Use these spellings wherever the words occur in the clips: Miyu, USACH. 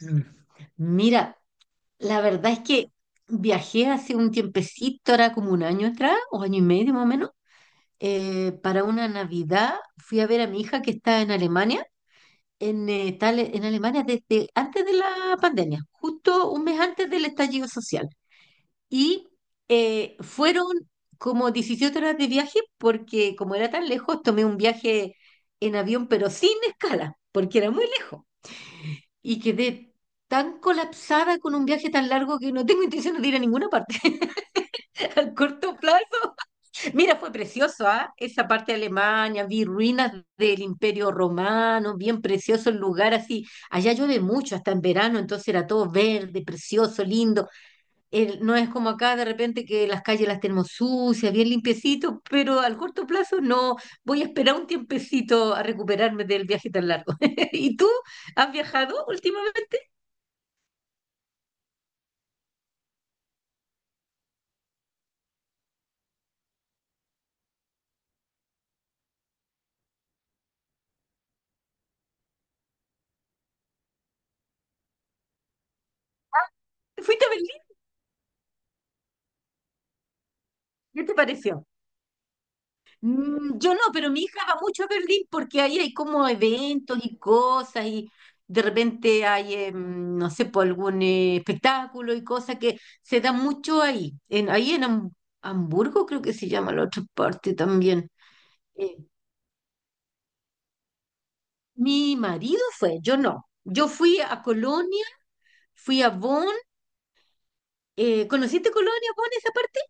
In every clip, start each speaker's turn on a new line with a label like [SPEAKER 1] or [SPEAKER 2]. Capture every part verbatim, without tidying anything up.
[SPEAKER 1] Mm. Mira, la verdad es que viajé hace un tiempecito, era como un año atrás, o año y medio más o menos, eh, para una Navidad fui a ver a mi hija que está en Alemania, en, eh, tal- en Alemania desde antes de la pandemia, justo un mes antes del estallido social. Y eh, fueron como diecisiete horas de viaje porque como era tan lejos, tomé un viaje en avión, pero sin escala, porque era muy lejos y quedé tan colapsada con un viaje tan largo que no tengo intención de ir a ninguna parte al corto plazo. Mira, fue precioso, ¿ah? Esa parte de Alemania, vi ruinas del Imperio Romano, bien precioso el lugar así. Allá llueve mucho, hasta en verano, entonces era todo verde, precioso, lindo. El- no es como acá de repente que las calles las tenemos sucias, bien limpiecitos, pero al corto plazo no. Voy a esperar un tiempecito a recuperarme del viaje tan largo. ¿Y tú has viajado últimamente? ¿Fuiste a Berlín? ¿Qué te pareció? Mm, yo no, pero mi hija va mucho a Berlín porque ahí hay como eventos y cosas y de repente hay, eh, mm, no sé, por algún eh, espectáculo y cosas que se da mucho ahí. En, ahí en Ham- Hamburgo creo que se llama la otra parte también. Eh, Mi marido fue, yo no. Yo fui a Colonia, fui a Bonn. Eh, ¿conociste Colonia, Bonn, esa parte?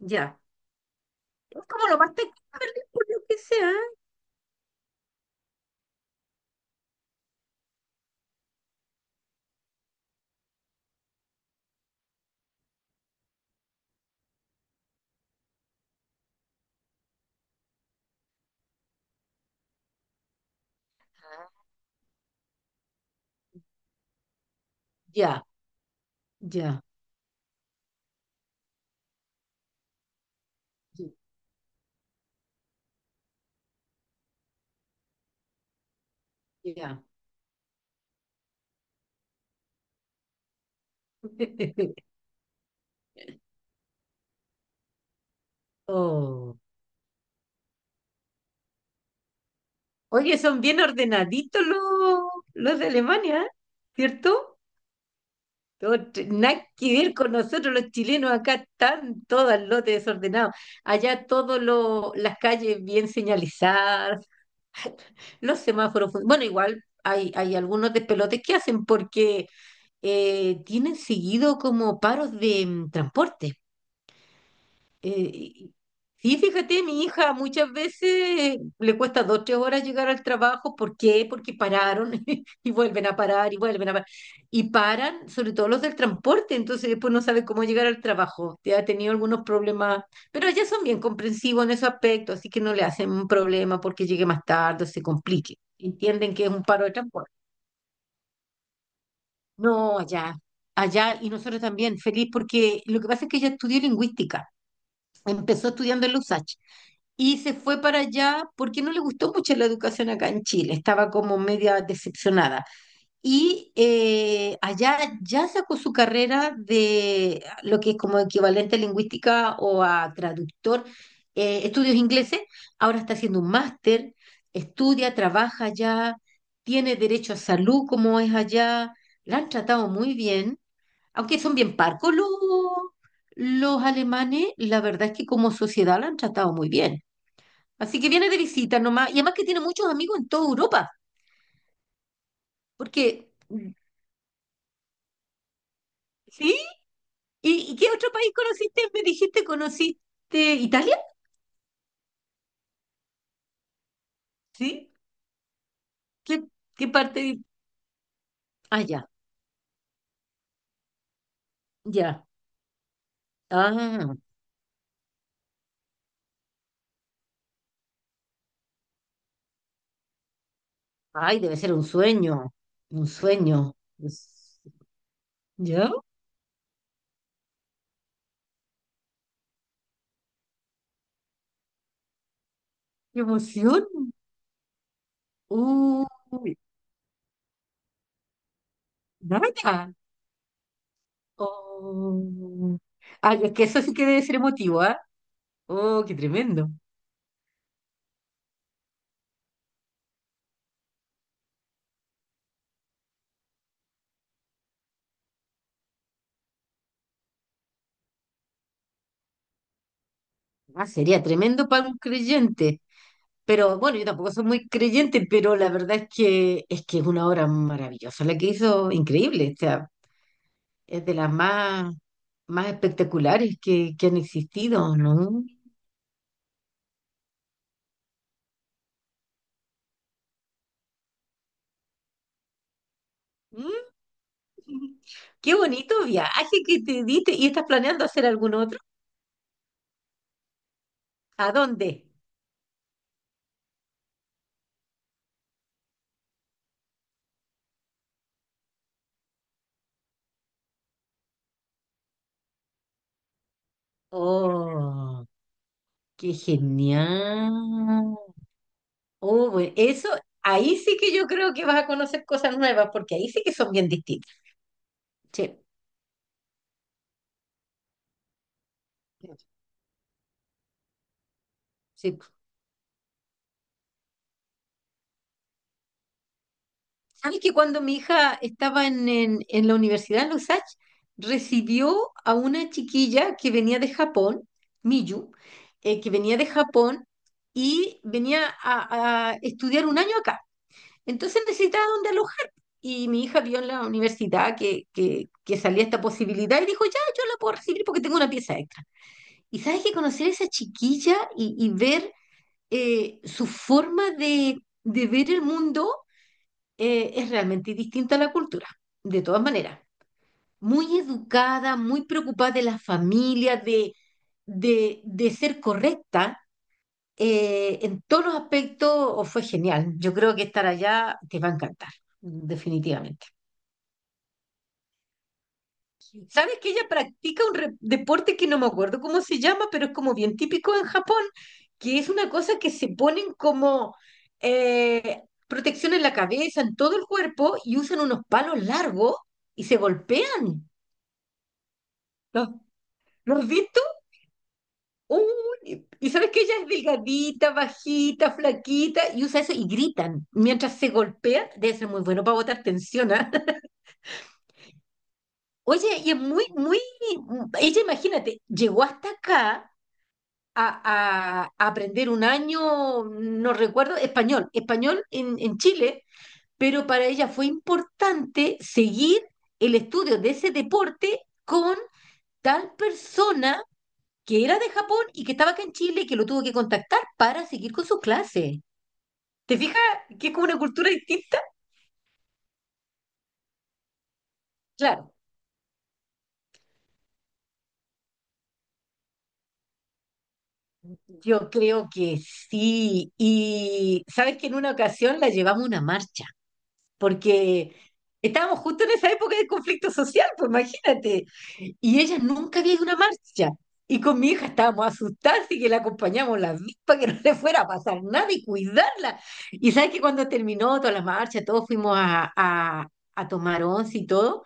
[SPEAKER 1] Ya. Es como lo más cerca de Berlín, por lo que sea. Ya, ya, ya. Oh. Oye, son bien ordenaditos los, los de Alemania, ¿eh? ¿Cierto? Todo te- Nada que ver con nosotros los chilenos, acá están todos al lote desordenado. Allá todas las calles bien señalizadas, los semáforos. fun- Bueno, igual hay, hay, algunos despelotes que hacen porque eh, tienen seguido como paros de mm, transporte. Eh, y- sí, fíjate, mi hija muchas veces le cuesta dos, tres horas llegar al trabajo. ¿Por qué? Porque pararon y vuelven a parar y vuelven a parar. Y paran, sobre todo los del transporte, entonces después no sabe cómo llegar al trabajo. Ya ha tenido algunos problemas, pero ya son bien comprensivos en ese aspecto, así que no le hacen un problema porque llegue más tarde o se complique. Entienden que es un paro de transporte. No, allá, allá, y nosotros también, feliz, porque lo que pasa es que ella estudió lingüística. Empezó estudiando en la USACH y se fue para allá porque no le gustó mucho la educación acá en Chile, estaba como media decepcionada. Y eh, allá ya sacó su carrera de lo que es como equivalente a lingüística o a traductor, eh, estudios ingleses, ahora está haciendo un máster, estudia, trabaja allá, tiene derecho a salud como es allá, la han tratado muy bien, aunque son bien parcos los, los alemanes, la verdad es que como sociedad la han tratado muy bien. Así que viene de visita nomás. Y además que tiene muchos amigos en toda Europa. Porque, ¿sí? ¿Y, y qué otro país conociste? Me dijiste, ¿conociste Italia? ¿Sí? ¿Qué, qué parte? de- Ah, ya, ya. Ah, ay, debe ser un sueño. Un sueño. Pues, ¿ya? ¡Qué emoción! Uy, nada. Oh. Ay, es que eso sí que debe ser emotivo, ¿ah? Oh, qué tremendo. Ah, sería tremendo para un creyente. Pero bueno, yo tampoco soy muy creyente, pero la verdad es que es que es una obra maravillosa, la que hizo increíble, o sea, es de las más, más espectaculares que, que han existido, ¿no? Mm, Qué bonito viaje que te diste. ¿Y estás planeando hacer algún otro? ¿A dónde? Oh, qué genial. Oh, bueno, eso, ahí sí que yo creo que vas a conocer cosas nuevas, porque ahí sí que son bien distintas. Sí, sí. Sabes que cuando mi hija estaba en, en- en la universidad en los Lusach, recibió a una chiquilla que venía de Japón, Miyu, eh, que venía de Japón y venía a, a estudiar un año acá. Entonces necesitaba dónde alojar. Y mi hija vio en la universidad que, que, que salía esta posibilidad y dijo, ya, yo la puedo recibir porque tengo una pieza extra. Y sabes que conocer a esa chiquilla y, y ver eh, su forma de, de ver el mundo eh, es realmente distinta a la cultura, de todas maneras. Muy educada, muy preocupada de la familia, de, de, de ser correcta eh, en todos los aspectos, o fue genial. Yo creo que estar allá te va a encantar, definitivamente. ¿Sabes que ella practica un re- deporte que no me acuerdo cómo se llama, pero es como bien típico en Japón, que es una cosa que se ponen como eh, protección en la cabeza, en todo el cuerpo, y usan unos palos largos y se golpean. ¿Los, los has visto? Uy, y sabes que ella es delgadita, bajita, flaquita, y usa eso y gritan. Mientras se golpean, debe ser muy bueno para botar tensión, ¿ah? Oye, y es muy, muy. Ella, imagínate, llegó hasta acá a, a- a aprender un año, no recuerdo, español, español en, en Chile, pero para ella fue importante seguir el estudio de ese deporte con tal persona que era de Japón y que estaba acá en Chile y que lo tuvo que contactar para seguir con sus clases. ¿Te fijas que es como una cultura distinta? Claro, yo creo que sí. Y sabes que en una ocasión la llevamos a una marcha, porque estábamos justo en esa época de conflicto social, pues imagínate. Y ella nunca había ido a una marcha. Y con mi hija estábamos asustadas y que la acompañamos las dos para que no le fuera a pasar nada y cuidarla. Y sabes que cuando terminó toda la marcha, todos fuimos a, a, a tomar once y todo.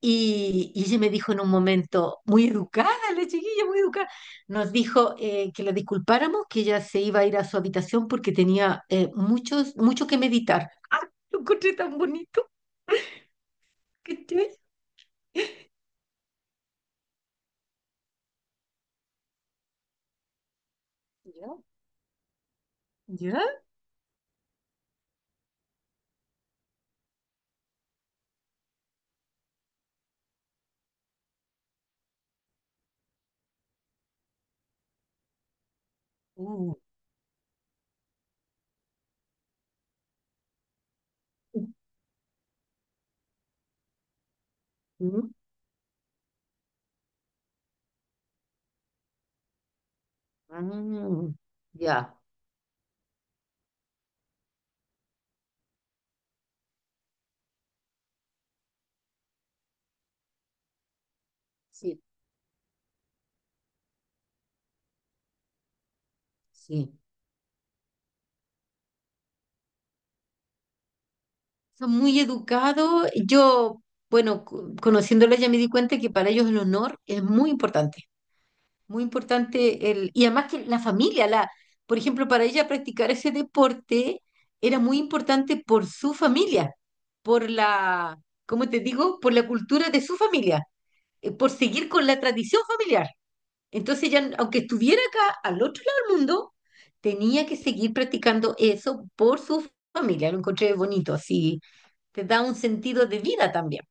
[SPEAKER 1] Y, y ella me dijo en un momento, muy educada, la chiquilla, muy educada, nos dijo eh, que la disculpáramos, que ella se iba a ir a su habitación porque tenía eh, muchos, mucho que meditar. ¡Ah! Lo encontré tan bonito. ¿Cachai? Ya, ya. Mm, mm, mm, ya, sí, sí. Son muy educados. Yo, bueno, co- conociéndola ya me di cuenta que para ellos el honor es muy importante. Muy importante el, y además que la familia, la, por ejemplo, para ella practicar ese deporte era muy importante por su familia, por la, ¿cómo te digo? Por la cultura de su familia, eh, por seguir con la tradición familiar. Entonces ya, aunque estuviera acá al otro lado del mundo, tenía que seguir practicando eso por su familia. Lo encontré bonito, así te da un sentido de vida también.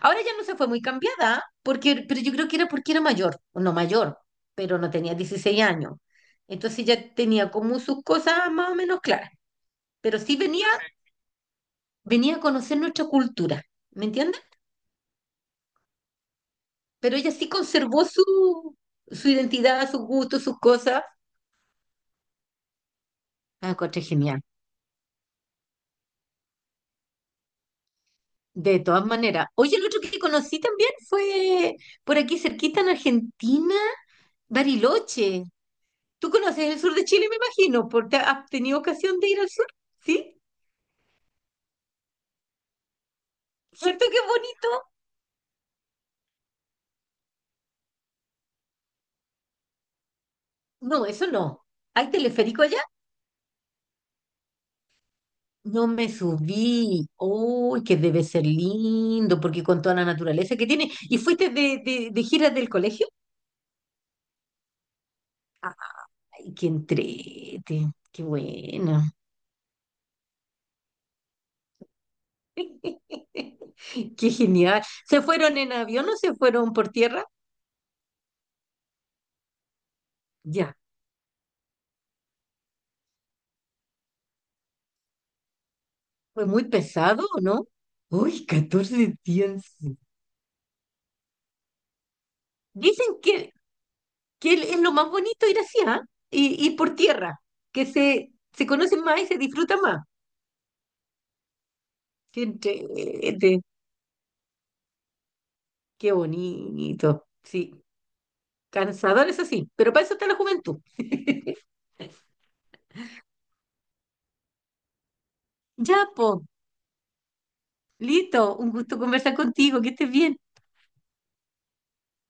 [SPEAKER 1] Ahora ya no se fue muy cambiada, porque, pero yo creo que era porque era mayor, o no mayor, pero no tenía dieciséis años. Entonces ya tenía como sus cosas más o menos claras. Pero sí venía, venía a conocer nuestra cultura, ¿me entiendes? Pero ella sí conservó su, su identidad, sus gustos, sus cosas. Ah, encontré genial. De todas maneras. Oye, el otro que conocí también fue por aquí cerquita en Argentina, Bariloche. Tú conoces el sur de Chile, me imagino, porque has tenido ocasión de ir al sur, ¿sí? ¿Cierto que es bonito? No, eso no. ¿Hay teleférico allá? No me subí. Uy, que debe ser lindo, porque con toda la naturaleza que tiene. ¿Y fuiste de, de, de giras del colegio? Ay, qué entrete, qué bueno. Qué genial. ¿Se fueron en avión o se fueron por tierra? Ya, fue muy pesado, ¿no? Uy, catorce días. Dicen que que el- es lo más bonito ir así, ¿ah? Y ir por tierra, que se, se conocen más y se disfruta más. Qué, entrete, qué bonito. Sí, cansador eso sí, pero para eso está la juventud. Ya, po, Lito, un gusto conversar contigo, que estés bien.